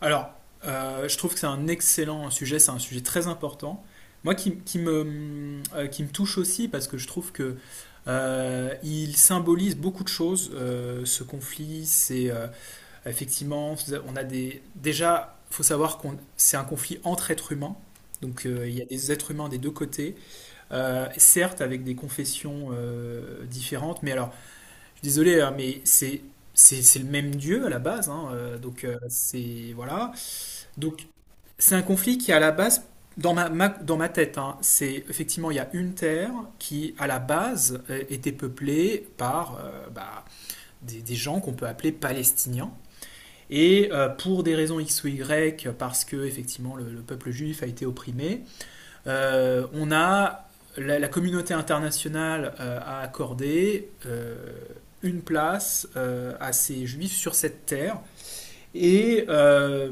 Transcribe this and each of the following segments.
Alors, je trouve que c'est un excellent sujet, c'est un sujet très important. Moi, qui me touche aussi parce que je trouve que il symbolise beaucoup de choses, ce conflit. C'est Effectivement, on a des. Déjà, faut savoir qu'on c'est un conflit entre êtres humains. Donc, il y a des êtres humains des deux côtés. Certes avec des confessions différentes. Mais alors, je suis désolé, hein, mais c'est le même Dieu à la base, hein, donc, c'est voilà. Donc, c'est un conflit qui, à la base, dans ma tête, hein, c'est effectivement, il y a une terre qui, à la base, était peuplée par bah, des gens qu'on peut appeler palestiniens. Et pour des raisons X ou Y, parce que, effectivement, le peuple juif a été opprimé, euh, on a, la, la communauté internationale a accordé une place à ces juifs sur cette terre et, euh,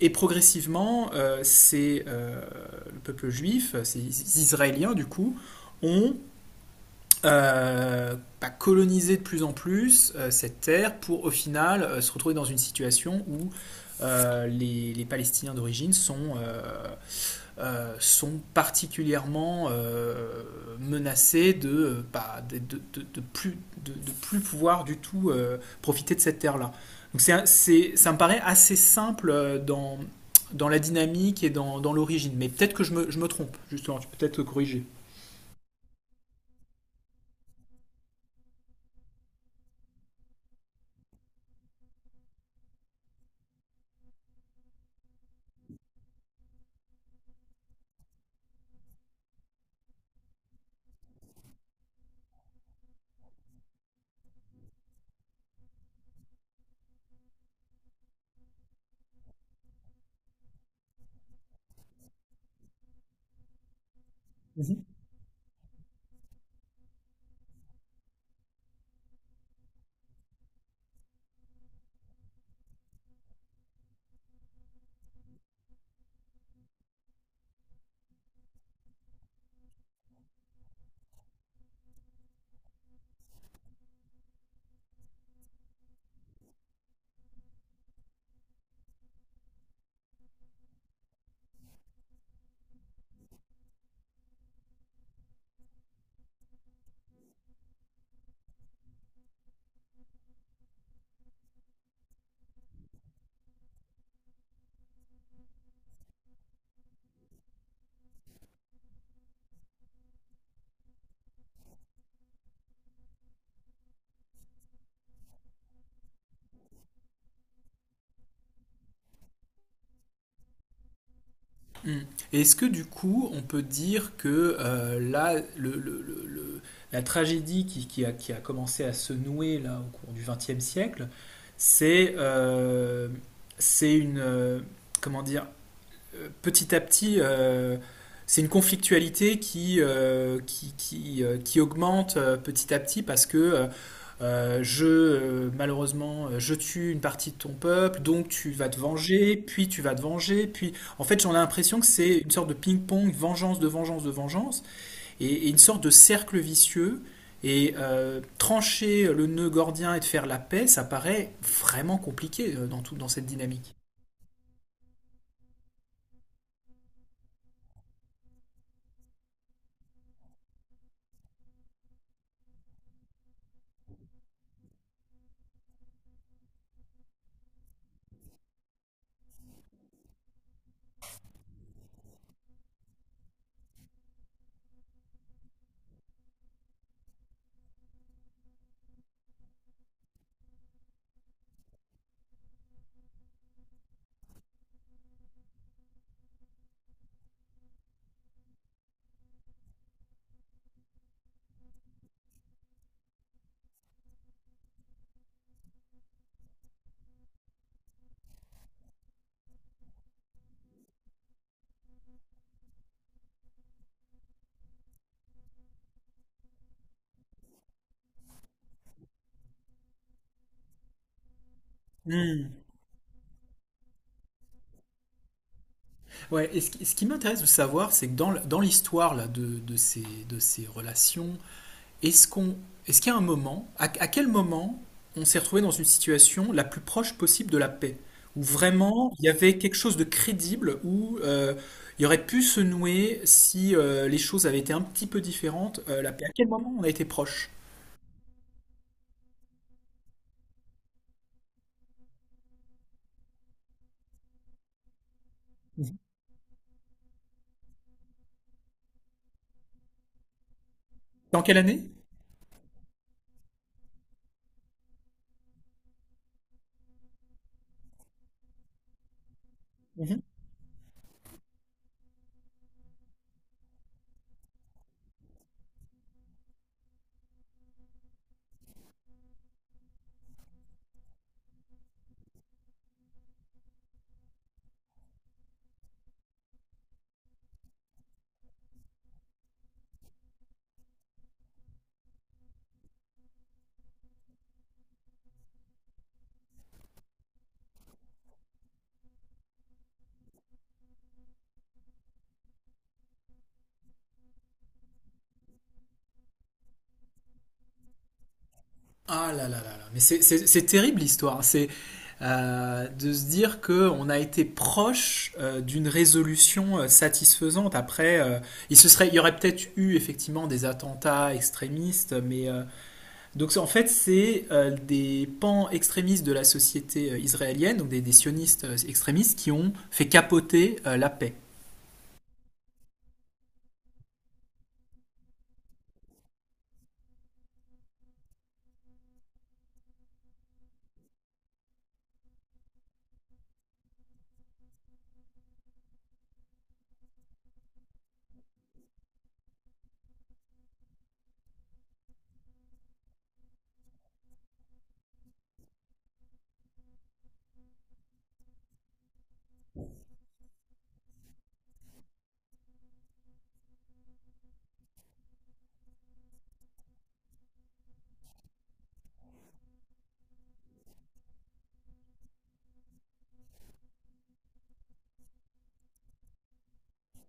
et progressivement, c'est le peuple juif, ces Israéliens du coup, ont euh, bah, colonisé de plus en plus cette terre pour au final se retrouver dans une situation où les Palestiniens d'origine sont, sont particulièrement menacés de, bah, de, plus, de plus pouvoir du tout profiter de cette terre-là. Donc ça me paraît assez simple dans la dynamique et dans l'origine, mais peut-être que je me trompe, justement, tu peux peut-être corriger. Mhm. Mm. Et est-ce que du coup, on peut dire que là, la tragédie qui a commencé à se nouer là au cours du XXe siècle, c'est euh, c'est une comment dire petit à petit, c'est une conflictualité qui augmente petit à petit parce que malheureusement, je tue une partie de ton peuple, donc tu vas te venger, puis tu vas te venger, puis... En fait, j'en ai l'impression que c'est une sorte de ping-pong, vengeance de vengeance de vengeance, et une sorte de cercle vicieux. Et trancher le nœud gordien et de faire la paix, ça paraît vraiment compliqué dans cette dynamique. Hmm. Ouais, et ce qui m'intéresse de savoir, c'est que dans l'histoire là, de ces relations, est-ce qu'on, est-ce qu'il y a un moment, à quel moment on s'est retrouvé dans une situation la plus proche possible de la paix, où vraiment il y avait quelque chose de crédible, où il y aurait pu se nouer si les choses avaient été un petit peu différentes, la paix. À quel moment on a été proche? Mhm. Dans quelle année? Ah là là là là, mais c'est terrible l'histoire. C'est de se dire que on a été proche d'une résolution satisfaisante. Après, il y aurait peut-être eu effectivement des attentats extrémistes, mais donc c'est- en fait c'est des pans extrémistes de la société israélienne, donc des sionistes extrémistes qui ont fait capoter la paix.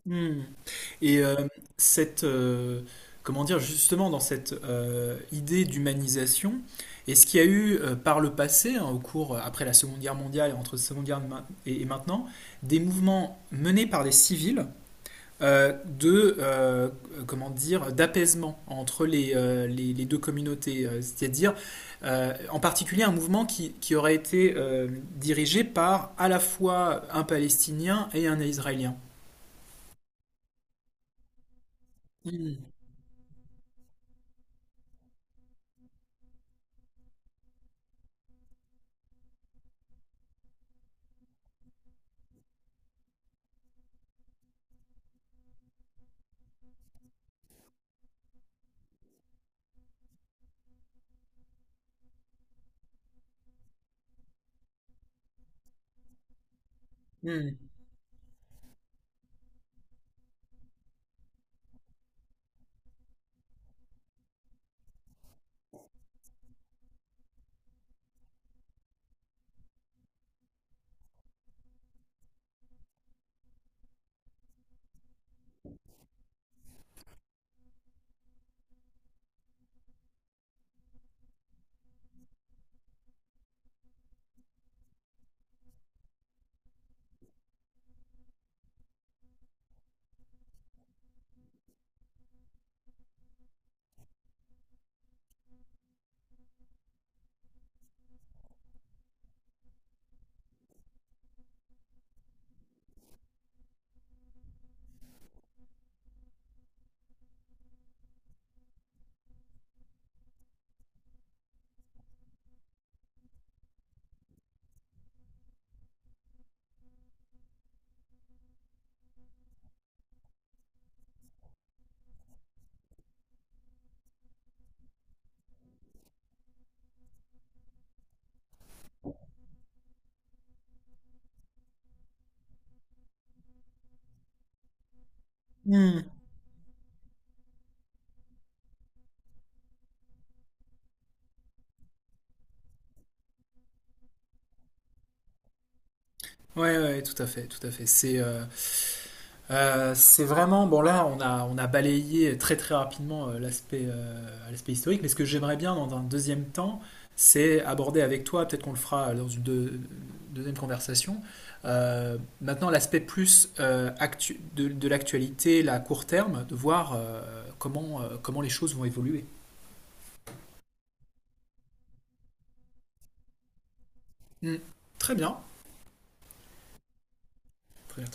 Hmm. Et cette, justement dans cette idée d'humanisation, est-ce qu'il y a eu par le passé, hein, après la Seconde Guerre mondiale et entre la Seconde Guerre ma- et maintenant, des mouvements menés par des civils euh, de, euh, d'apaisement entre les deux communautés, c'est-à-dire en particulier un mouvement qui aurait été dirigé par à la fois un Palestinien et un Israélien. Hmm. Hmm. Hmm. Ouais, ouais, tout à fait, tout à fait. C'est vraiment bon là, on a balayé très très rapidement l'aspect historique, mais ce que j'aimerais bien dans un deuxième temps, c'est aborder avec toi, peut-être qu'on le fera dans une deuxième conversation. Euh, maintenant, l'aspect plus de l'actualité, la court terme, de voir comment les choses vont évoluer. Hmm. Très bien, très bien.